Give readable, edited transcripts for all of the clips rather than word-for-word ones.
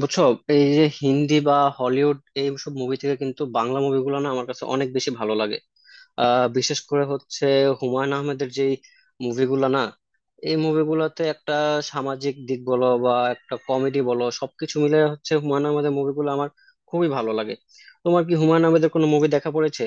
বুঝছো? এই যে হিন্দি বা হলিউড এইসব মুভি থেকে কিন্তু বাংলা মুভিগুলো না আমার কাছে অনেক বেশি ভালো লাগে। বিশেষ করে হচ্ছে হুমায়ুন আহমেদের যে মুভিগুলো না, এই মুভিগুলোতে একটা সামাজিক দিক বলো বা একটা কমেডি বলো, সবকিছু মিলে হচ্ছে হুমায়ুন আহমেদের মুভিগুলো আমার খুবই ভালো লাগে। তোমার কি হুমায়ুন আহমেদের কোনো মুভি দেখা পড়েছে?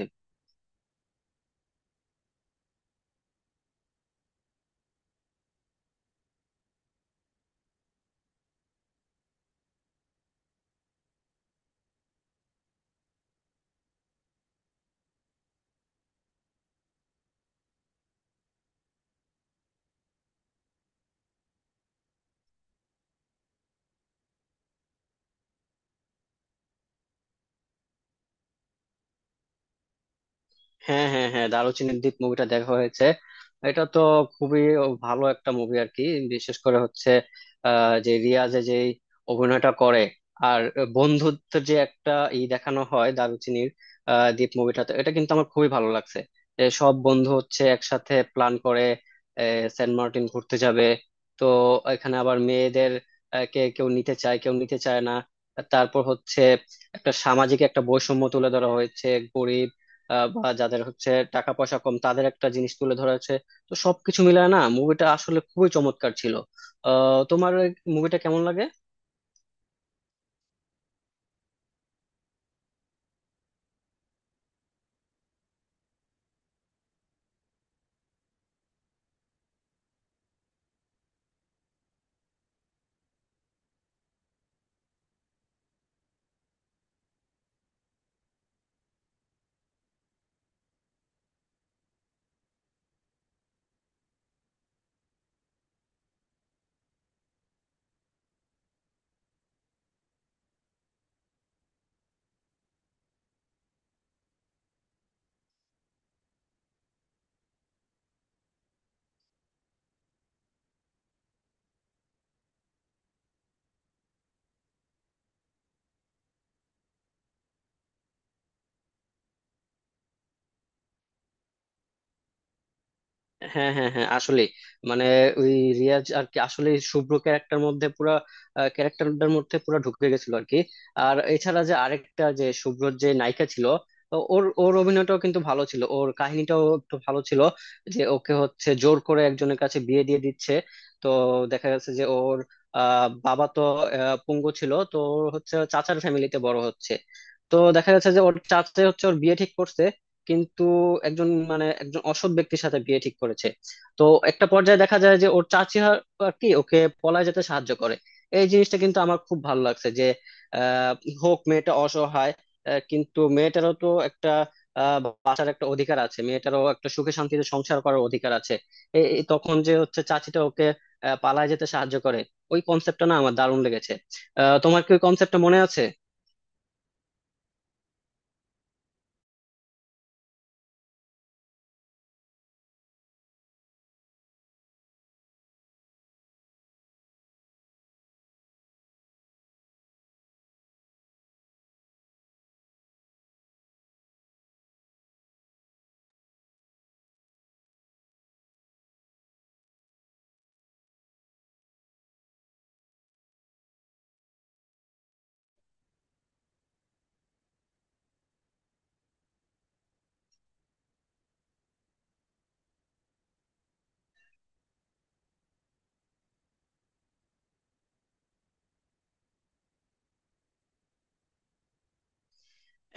হ্যাঁ, হ্যাঁ, হ্যাঁ, দারুচিনির দ্বীপ মুভিটা দেখা হয়েছে। এটা তো খুবই ভালো একটা মুভি আর কি। বিশেষ করে হচ্ছে যে রিয়াজে যে অভিনয়টা করে। আর বন্ধুত্বের যে একটা ই দেখানো হয় দারুচিনির দ্বীপ মুভিটাতে, এটা কিন্তু আমার খুবই ভালো লাগছে। যে সব বন্ধু হচ্ছে একসাথে প্ল্যান করে সেন্ট মার্টিন ঘুরতে যাবে। তো এখানে আবার মেয়েদের কে কেউ নিতে চায় কেউ নিতে চায় না। তারপর হচ্ছে একটা সামাজিক একটা বৈষম্য তুলে ধরা হয়েছে। গরিব বা যাদের হচ্ছে টাকা পয়সা কম তাদের একটা জিনিস তুলে ধরা হয়েছে। তো সবকিছু মিলায় না, মুভিটা আসলে খুবই চমৎকার ছিল। তোমার মুভিটা কেমন লাগে? হ্যাঁ, হ্যাঁ, হ্যাঁ, আসলে মানে ওই রিয়াজ আর কি আসলে শুভ্র ক্যারেক্টার মধ্যে পুরা ক্যারেক্টারটার মধ্যে পুরা ঢুকে গেছিল আর কি। আর এছাড়া যে আরেকটা যে শুভ্রর যে নায়িকা ছিল, তো ওর ওর অভিনয়টাও কিন্তু ভালো ছিল, ওর কাহিনীটাও একটু ভালো ছিল। যে ওকে হচ্ছে জোর করে একজনের কাছে বিয়ে দিয়ে দিচ্ছে। তো দেখা গেছে যে ওর বাবা তো পঙ্গু ছিল, তো ওর হচ্ছে চাচার ফ্যামিলিতে বড় হচ্ছে। তো দেখা যাচ্ছে যে ওর চাচা হচ্ছে ওর বিয়ে ঠিক করছে, কিন্তু একজন মানে একজন অসৎ ব্যক্তির সাথে বিয়ে ঠিক করেছে। তো একটা পর্যায়ে দেখা যায় যে ওর চাচি আর আর কি ওকে পলায় যেতে সাহায্য করে। এই জিনিসটা কিন্তু আমার খুব ভালো লাগছে যে আহ হোক মেয়েটা অসহায়, কিন্তু মেয়েটারও তো একটা আহ বাঁচার একটা অধিকার আছে, মেয়েটারও একটা সুখে শান্তিতে সংসার করার অধিকার আছে। এই এই তখন যে হচ্ছে চাচিটা ওকে পালায় যেতে সাহায্য করে। ওই কনসেপ্টটা না আমার দারুণ লেগেছে। তোমার কি ওই কনসেপ্টটা মনে আছে?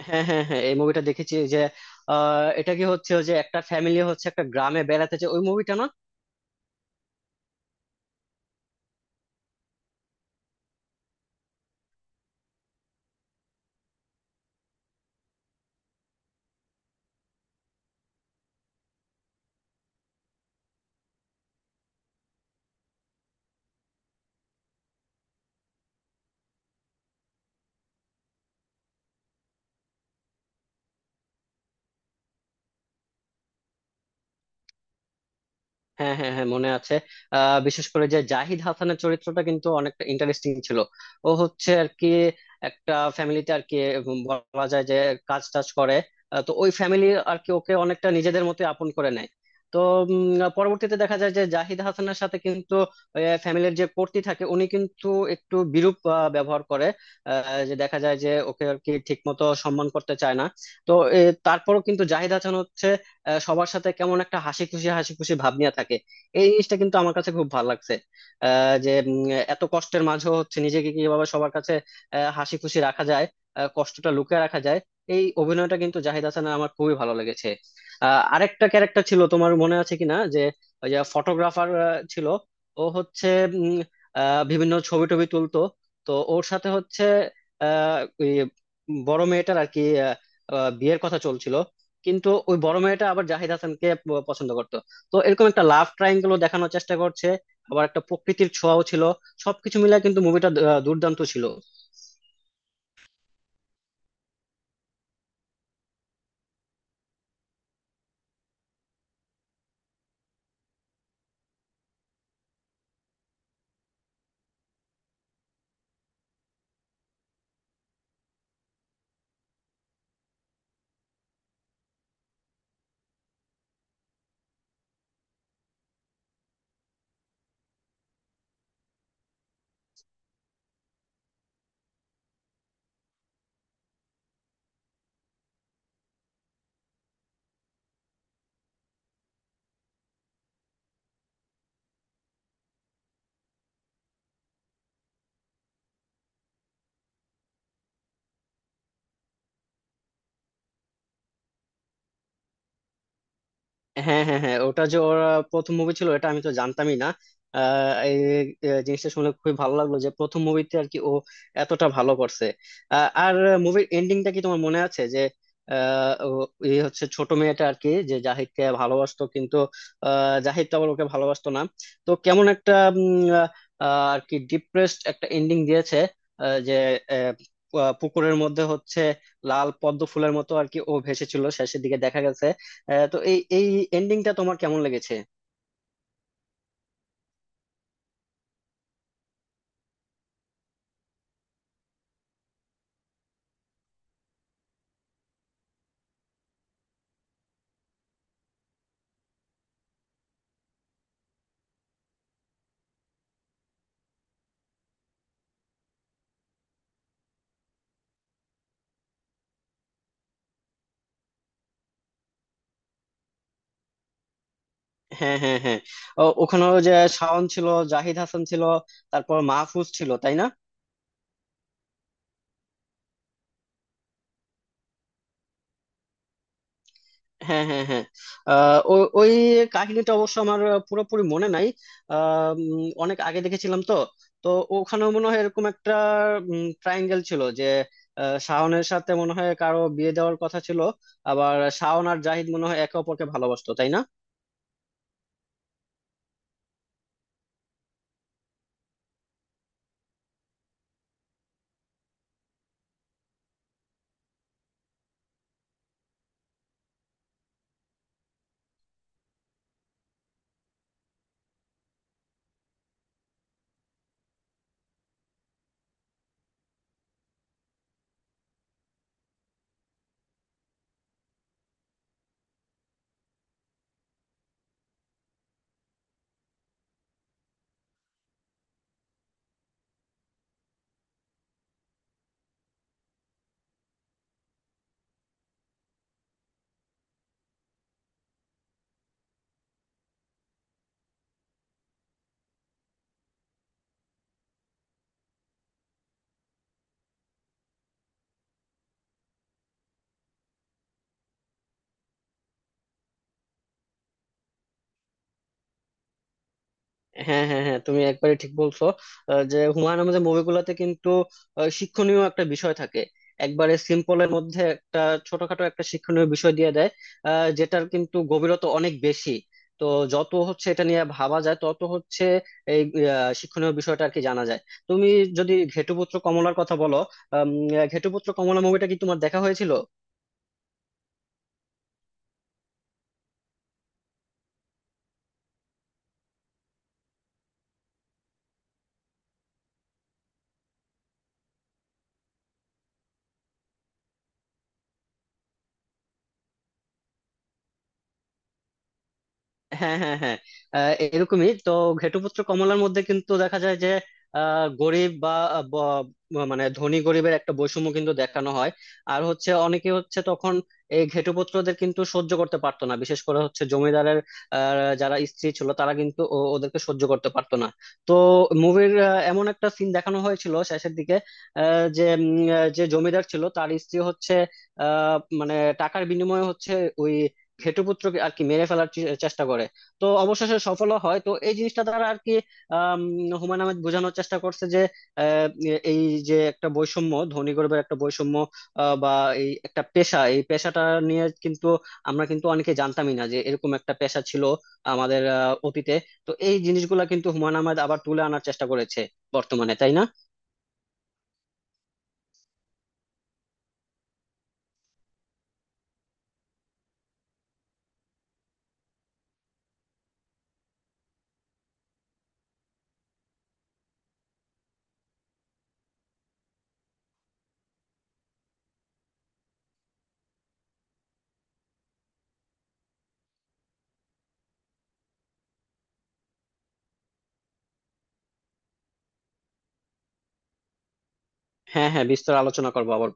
হ্যাঁ, হ্যাঁ, হ্যাঁ, এই মুভিটা দেখেছি ওই যে এটা কি হচ্ছে ওই যে একটা ফ্যামিলি হচ্ছে একটা গ্রামে বেড়াতে যায় ওই মুভিটা না? হ্যাঁ, হ্যাঁ, হ্যাঁ, মনে আছে। বিশেষ করে যে জাহিদ হাসানের চরিত্রটা কিন্তু অনেকটা ইন্টারেস্টিং ছিল। ও হচ্ছে আর কি একটা ফ্যামিলিতে আর কি বলা যায় যে কাজ টাজ করে। তো ওই ফ্যামিলি আর কি ওকে অনেকটা নিজেদের মতো আপন করে নেয়। তো পরবর্তীতে দেখা যায় যে জাহিদ হাসানের সাথে কিন্তু ফ্যামিলির যে কর্তি থাকে উনি কিন্তু একটু বিরূপ ব্যবহার করে। যে দেখা যায় যে ওকে আর কি ঠিক মতো সম্মান করতে চায় না। তো এ, তারপরও কিন্তু জাহিদ হাসান হচ্ছে সবার সাথে কেমন একটা হাসি খুশি ভাব নিয়ে থাকে। এই জিনিসটা কিন্তু আমার কাছে খুব ভালো লাগছে যে এত কষ্টের মাঝেও হচ্ছে নিজেকে কিভাবে সবার কাছে হাসি খুশি রাখা যায়, কষ্টটা লুকিয়ে রাখা যায়। এই অভিনয়টা কিন্তু জাহিদ হাসানের আমার খুবই ভালো লেগেছে। আরেকটা ক্যারেক্টার ছিল তোমার মনে আছে কিনা, যে ওই যে ফটোগ্রাফার ছিল। ও হচ্ছে উম, বিভিন্ন ছবি টবি তুলতো। তো ওর সাথে হচ্ছে ওই বড় মেয়েটার আর কি আহ, আহ, বিয়ের কথা চলছিল। কিন্তু ওই বড় মেয়েটা আবার জাহিদ হাসানকে পছন্দ করতো। তো এরকম একটা লাভ ট্রায়াঙ্গেল দেখানোর চেষ্টা করছে। আবার একটা প্রকৃতির ছোঁয়াও ছিল। সবকিছু মিলে কিন্তু মুভিটা দুর্দান্ত ছিল। হ্যাঁ, হ্যাঁ, হ্যাঁ, ওটা যে ওরা প্রথম মুভি ছিল এটা আমি তো জানতামই না। এই জিনিসটা শুনে খুবই ভালো লাগলো যে প্রথম মুভিতে আর কি ও এতটা ভালো করছে। আর মুভির এন্ডিংটা কি তোমার মনে আছে, যে এই হচ্ছে ছোট মেয়েটা আর কি যে জাহিদকে ভালোবাসতো কিন্তু জাহিদ তো আবার ওকে ভালোবাসতো না। তো কেমন একটা উম, আহ, আর কি ডিপ্রেসড একটা এন্ডিং দিয়েছে। আহ, যে আহ, পুকুরের মধ্যে হচ্ছে লাল পদ্ম ফুলের মতো আর কি ও ভেসেছিল শেষের দিকে দেখা গেছে। হ্যাঁ, তো এই এই এন্ডিংটা তোমার কেমন লেগেছে? হ্যাঁ, হ্যাঁ, হ্যাঁ, ও, ওখানেও যে শাওন ছিল, জাহিদ হাসান ছিল, তারপর মাহফুজ ছিল, তাই না? হ্যাঁ, হ্যাঁ, হ্যাঁ, ওই কাহিনীটা অবশ্য আমার পুরোপুরি মনে নাই। অনেক আগে দেখেছিলাম তো। তো ওখানেও মনে হয় এরকম একটা ট্রায়াঙ্গেল ছিল, যে শাওনের সাথে মনে হয় কারো বিয়ে দেওয়ার কথা ছিল। আবার শাওন আর জাহিদ মনে হয় একে অপরকে ভালোবাসতো, তাই না? হ্যাঁ, হ্যাঁ, হ্যাঁ, তুমি একবারে ঠিক বলছো। যে হুমায়ুন আহমেদের মুভিগুলোতে কিন্তু শিক্ষণীয় একটা বিষয় থাকে। একবারে সিম্পলের মধ্যে একটা ছোটখাটো একটা শিক্ষণীয় বিষয় দিয়ে দেয় যেটার কিন্তু গভীরতা অনেক বেশি। তো যত হচ্ছে এটা নিয়ে ভাবা যায় তত হচ্ছে এই শিক্ষণীয় বিষয়টা আর কি জানা যায়। তুমি যদি ঘেটুপুত্র কমলার কথা বলো, আম, ঘেটুপুত্র কমলা মুভিটা কি তোমার দেখা হয়েছিল? হ্যাঁ, হ্যাঁ, হ্যাঁ, এরকমই তো। ঘেটুপুত্র কমলার মধ্যে কিন্তু দেখা যায় যে গরিব বা মানে ধনী গরিবের একটা বৈষম্য কিন্তু দেখানো হয়। আর হচ্ছে অনেকে হচ্ছে তখন এই ঘেটুপুত্রদের কিন্তু সহ্য করতে পারতো না, বিশেষ করে হচ্ছে জমিদারের যারা স্ত্রী ছিল তারা কিন্তু ওদেরকে সহ্য করতে পারতো না। তো মুভির এমন একটা সিন দেখানো হয়েছিল শেষের দিকে, আহ, যে উম, আহ, যে জমিদার ছিল তার স্ত্রী হচ্ছে মানে টাকার বিনিময়ে হচ্ছে ওই ঘেটুপুত্রকে আর কি মেরে ফেলার চেষ্টা করে। তো অবশেষে সফল হয়। তো এই জিনিসটা দ্বারা আর কি আম, হুমায়ুন আহমেদ বোঝানোর চেষ্টা করছে যে আহ, এই যে একটা বৈষম্য, ধনী গরিবের একটা বৈষম্য, বা এই একটা পেশা, এই পেশাটা নিয়ে কিন্তু আমরা কিন্তু অনেকে জানতামই না যে এরকম একটা পেশা ছিল আমাদের অতীতে। তো এই জিনিসগুলা কিন্তু হুমায়ুন আহমেদ আবার তুলে আনার চেষ্টা করেছে বর্তমানে, তাই না? হ্যাঁ, হ্যাঁ, বিস্তর আলোচনা করবো আবার।